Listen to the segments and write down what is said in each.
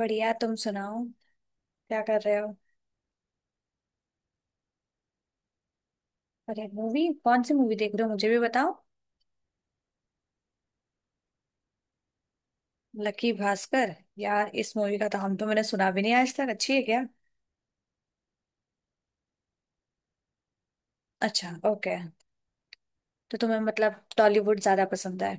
बढ़िया तुम सुनाओ। क्या कर रहे हो? अरे मूवी, कौन सी मूवी देख रहे हो मुझे भी बताओ। लकी भास्कर। यार इस मूवी का तो हम तो मैंने सुना भी नहीं आज तक, अच्छी है क्या? अच्छा ओके। तो तुम्हें मतलब टॉलीवुड ज्यादा पसंद है?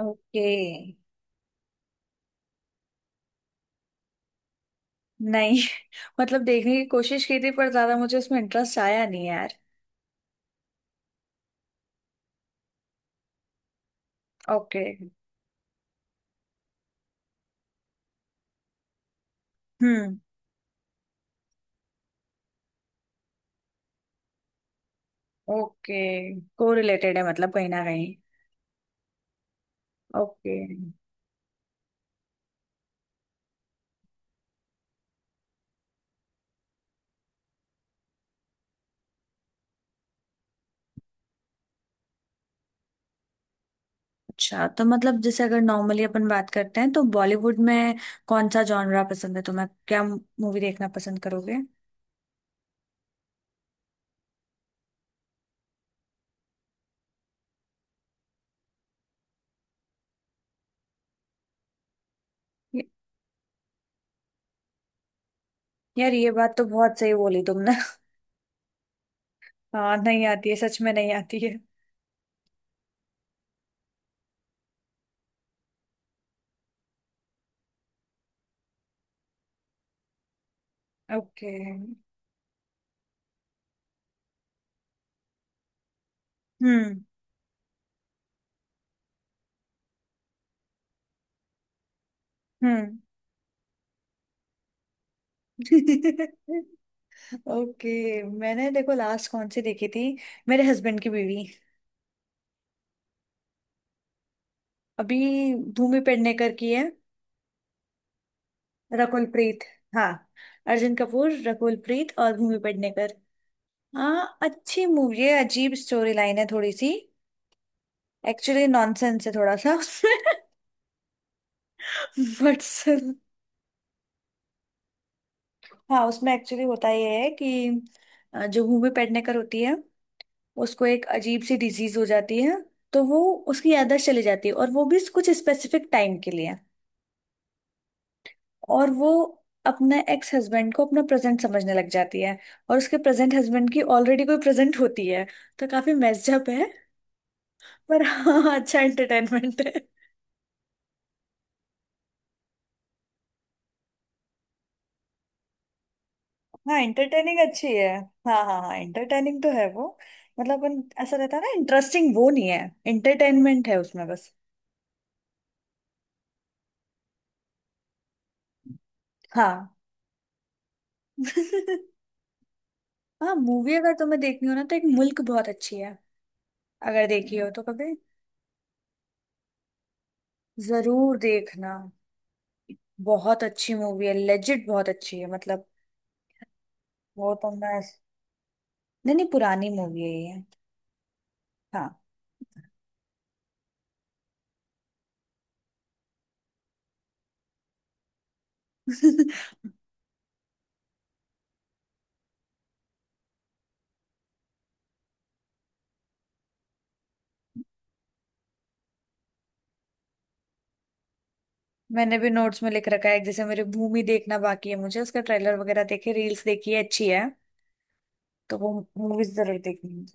ओके। नहीं मतलब देखने की कोशिश की थी पर ज्यादा मुझे उसमें इंटरेस्ट आया नहीं यार। ओके। हम्म। ओके। को रिलेटेड है मतलब कहीं ना कहीं। ओके। अच्छा तो मतलब जैसे अगर नॉर्मली अपन बात करते हैं तो बॉलीवुड में कौन सा जॉनरा पसंद है तुम्हें, क्या मूवी देखना पसंद करोगे? ये- यार ये बात तो बहुत सही बोली तुमने। हाँ नहीं आती है, सच में नहीं आती है। ओके। हम्म। हम्म। ओके मैंने देखो लास्ट कौन सी देखी थी, मेरे हस्बैंड की बीवी। अभी भूमि पेडनेकर की है, रकुल प्रीत। हाँ अर्जुन कपूर, रकुल प्रीत और भूमि पेडनेकर। हाँ अच्छी मूवी है, अजीब स्टोरी लाइन है थोड़ी सी। एक्चुअली नॉनसेंस है थोड़ा सा। बट हाँ, उसमें एक्चुअली होता ये है कि जो भूमि पेडनेकर होती है उसको एक अजीब सी डिजीज हो जाती है। तो वो, उसकी याददाश्त चली जाती है और वो भी कुछ स्पेसिफिक टाइम के लिए। और वो अपने एक्स हस्बैंड को अपना प्रेजेंट समझने लग जाती है, और उसके प्रेजेंट हस्बैंड की ऑलरेडी कोई प्रेजेंट होती है। तो काफी मेस्ड अप है। पर हाँ हाँ, अच्छा एंटरटेनमेंट। हाँ इंटरटेनिंग अच्छी है। हाँ हाँ हाँ, इंटरटेनिंग तो है वो। मतलब अपन ऐसा रहता है ना, इंटरेस्टिंग वो नहीं है। इंटरटेनमेंट है उसमें बस। हाँ। हाँ मूवी अगर तुम्हें देखनी हो ना तो एक मुल्क बहुत अच्छी है, अगर देखी हो तो कभी। जरूर देखना, बहुत अच्छी मूवी है, लेजिट बहुत अच्छी है मतलब। वो तो मैं। नहीं नहीं, पुरानी मूवी है ये। हाँ। मैंने भी नोट्स में लिख रखा है, जैसे मेरी भूमि देखना बाकी है, मुझे उसका ट्रेलर वगैरह देखे, रील्स देखी है, अच्छी है। तो वो मूवीज जरूर देखनी।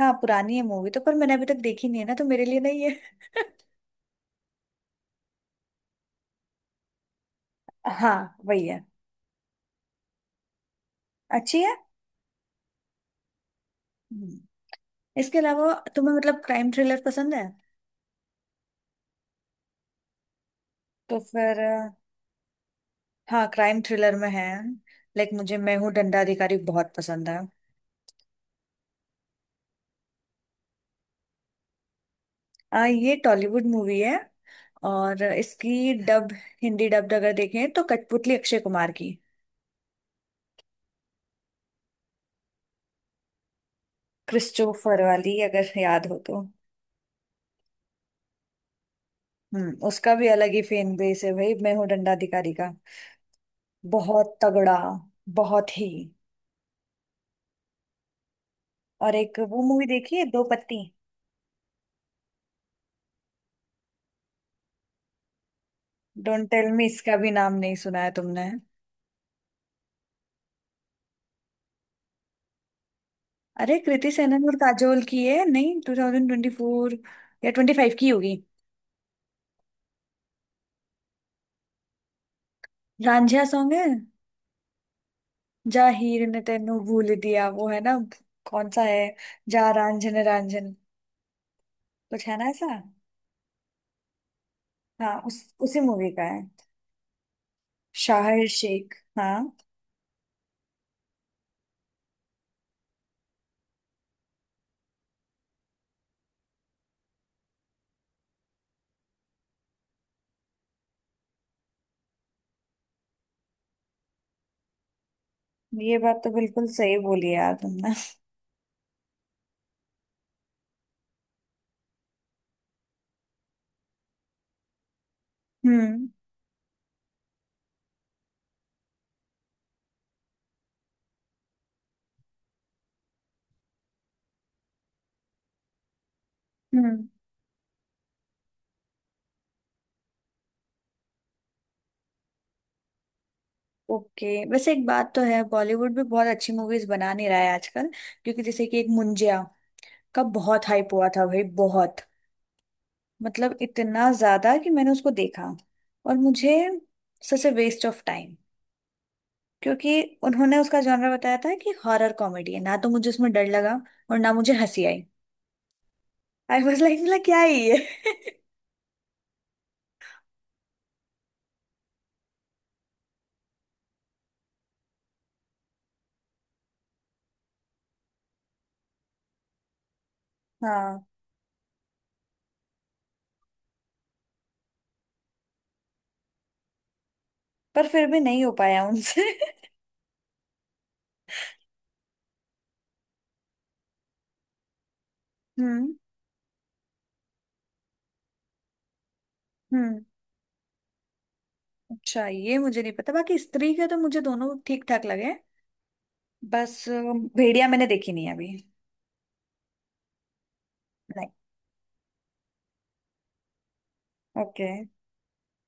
हाँ पुरानी है मूवी तो, पर मैंने अभी तक देखी नहीं है ना, तो मेरे लिए नहीं है। हाँ वही है। अच्छी है। हम्म। इसके अलावा तुम्हें मतलब क्राइम थ्रिलर पसंद है? तो फिर हाँ क्राइम थ्रिलर में है, लाइक मुझे मैं हूँ दंडाधिकारी बहुत पसंद है। ये टॉलीवुड मूवी है, और इसकी डब, हिंदी डब अगर देखें तो कठपुतली, अक्षय कुमार की। क्रिस्टोफर वाली अगर याद हो तो। उसका भी अलग ही फैन बेस है भाई, मैं हूँ दंडाधिकारी का बहुत तगड़ा, बहुत ही। और एक वो मूवी देखी है, Do Patti. Don't tell me इसका भी नाम नहीं सुना है तुमने। अरे कृति सेनन और काजोल की है, नहीं 2024 या 25 की होगी। रांझा सॉन्ग है, जा हीर ने तेनू भूल दिया, वो है ना। कौन सा है, जा रांझन रांझन, कुछ है ना ऐसा। हाँ उस उसी मूवी का है, शाहिर शेख। हाँ ये बात तो बिल्कुल सही बोली यार तुमने। हम्म। हम्म। ओके वैसे एक बात तो है, बॉलीवुड भी बहुत अच्छी मूवीज बना नहीं रहा है आजकल। क्योंकि जैसे कि एक मुंजिया का बहुत हाइप हुआ था भाई, बहुत। मतलब इतना ज्यादा कि मैंने उसको देखा और मुझे, such a waste of time. क्योंकि उन्होंने उसका जॉनर बताया था कि हॉरर कॉमेडी है, ना तो मुझे उसमें डर लगा और ना मुझे हंसी आई। आई वाज लाइक मतलब क्या है ये। हाँ पर फिर भी नहीं हो पाया उनसे। हम्म। हम्म अच्छा ये मुझे नहीं पता। बाकी स्त्री के तो मुझे दोनों ठीक ठाक लगे, बस भेड़िया मैंने देखी नहीं है अभी। नहीं। ओके।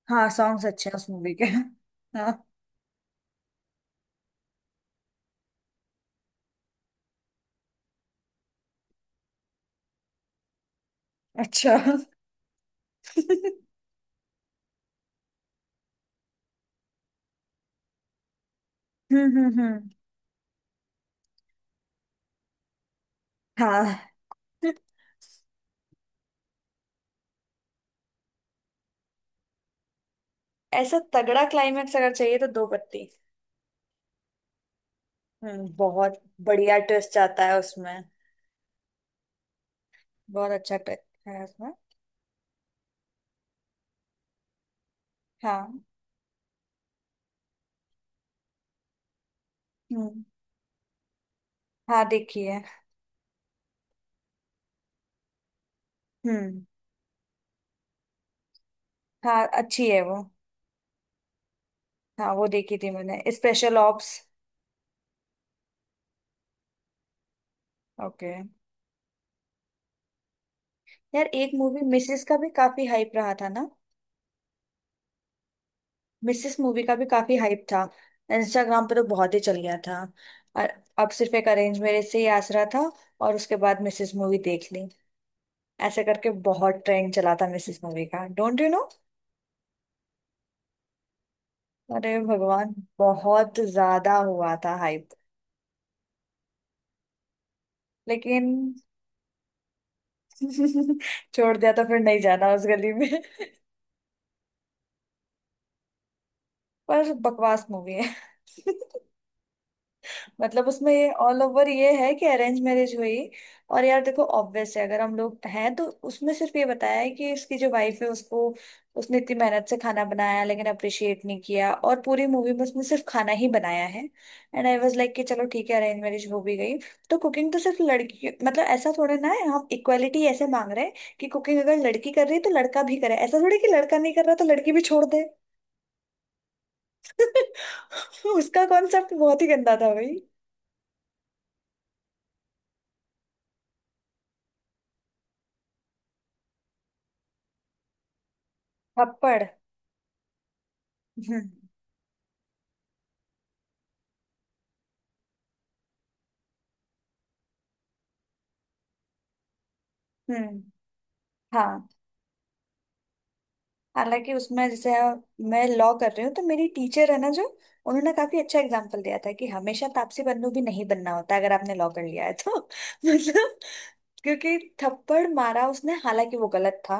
हाँ सॉन्ग्स अच्छे हैं उस मूवी के। हाँ। अच्छा। हम्म। हम्म। हम्म। हाँ ऐसा तगड़ा क्लाइमेक्स अगर चाहिए तो दो पत्ती। हम्म। बहुत बढ़िया ट्विस्ट आता है उसमें, बहुत अच्छा ट्विस्ट है उसमें। हाँ। हम्म। हाँ देखी है। हम्म। हाँ अच्छी है वो। हाँ वो देखी थी मैंने, स्पेशल ऑप्स। ओके। यार एक मूवी मिसेस का भी काफी हाइप रहा था ना। मिसेस मूवी का भी काफी हाइप था। इंस्टाग्राम पे तो बहुत ही चल गया था। और, अब सिर्फ एक अरेंज मैरिज से ही आसरा था, और उसके बाद मिसेस मूवी देख ली, ऐसे करके बहुत ट्रेंड चला था मिसेस मूवी का, डोंट यू नो। अरे भगवान, बहुत ज्यादा हुआ था हाइप। लेकिन। छोड़ दिया तो फिर नहीं जाना उस गली में। पर बकवास मूवी है। मतलब उसमें ये ऑल ओवर ये है कि अरेंज मैरिज हुई, और यार देखो ऑब्वियस है, अगर हम लोग हैं तो उसमें सिर्फ ये बताया है कि इसकी जो वाइफ है उसको, उसने इतनी मेहनत से खाना बनाया लेकिन अप्रिशिएट नहीं किया, और पूरी मूवी में उसने सिर्फ खाना ही बनाया है। एंड आई वाज लाइक कि चलो ठीक है अरेंज मैरिज हो भी गई, तो कुकिंग तो सिर्फ लड़की, मतलब ऐसा थोड़ा ना है, हम इक्वालिटी ऐसे मांग रहे हैं कि कुकिंग अगर लड़की कर रही है तो लड़का भी करे, ऐसा थोड़ी कि लड़का नहीं कर रहा तो लड़की भी छोड़ दे। उसका कॉन्सेप्ट बहुत ही गंदा था भाई। थप्पड़। हम्म। हम्म। हाँ। हालांकि उसमें जैसे, मैं लॉ कर रही हूँ तो मेरी टीचर है ना जो, उन्होंने काफी अच्छा एग्जाम्पल दिया था कि हमेशा तापसी पन्नू भी नहीं बनना होता अगर आपने लॉ कर लिया है तो। मतलब क्योंकि, थप्पड़ मारा उसने, हालांकि वो गलत था,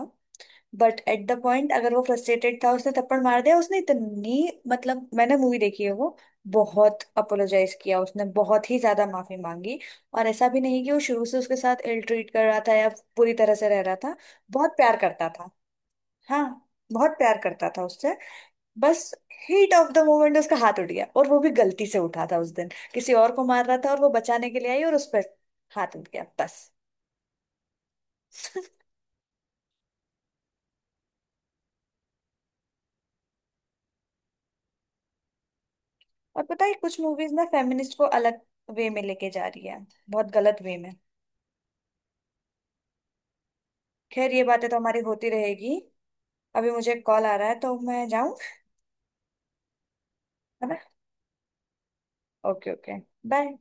बट एट द पॉइंट अगर वो फ्रस्ट्रेटेड था उसने थप्पड़ मार दिया उसने इतनी, मतलब मैंने मूवी देखी है वो, बहुत अपोलोजाइज किया उसने, बहुत ही ज्यादा माफी मांगी, और ऐसा भी नहीं कि वो शुरू से उसके साथ इल ट्रीट कर रहा था या पूरी तरह से रह रहा था। बहुत प्यार करता था। हाँ बहुत प्यार करता था उससे। बस, हीट ऑफ द मोमेंट उसका हाथ उठ गया, और वो भी गलती से उठा था उस दिन, किसी और को मार रहा था और वो बचाने के लिए आई और उस पर हाथ उठ गया, बस। और पता है कुछ मूवीज ना फेमिनिस्ट को अलग वे में लेके जा रही है, बहुत गलत वे में। खैर ये बातें तो हमारी होती रहेगी। अभी मुझे कॉल आ रहा है तो मैं जाऊं, है ना? Okay okay. बाय।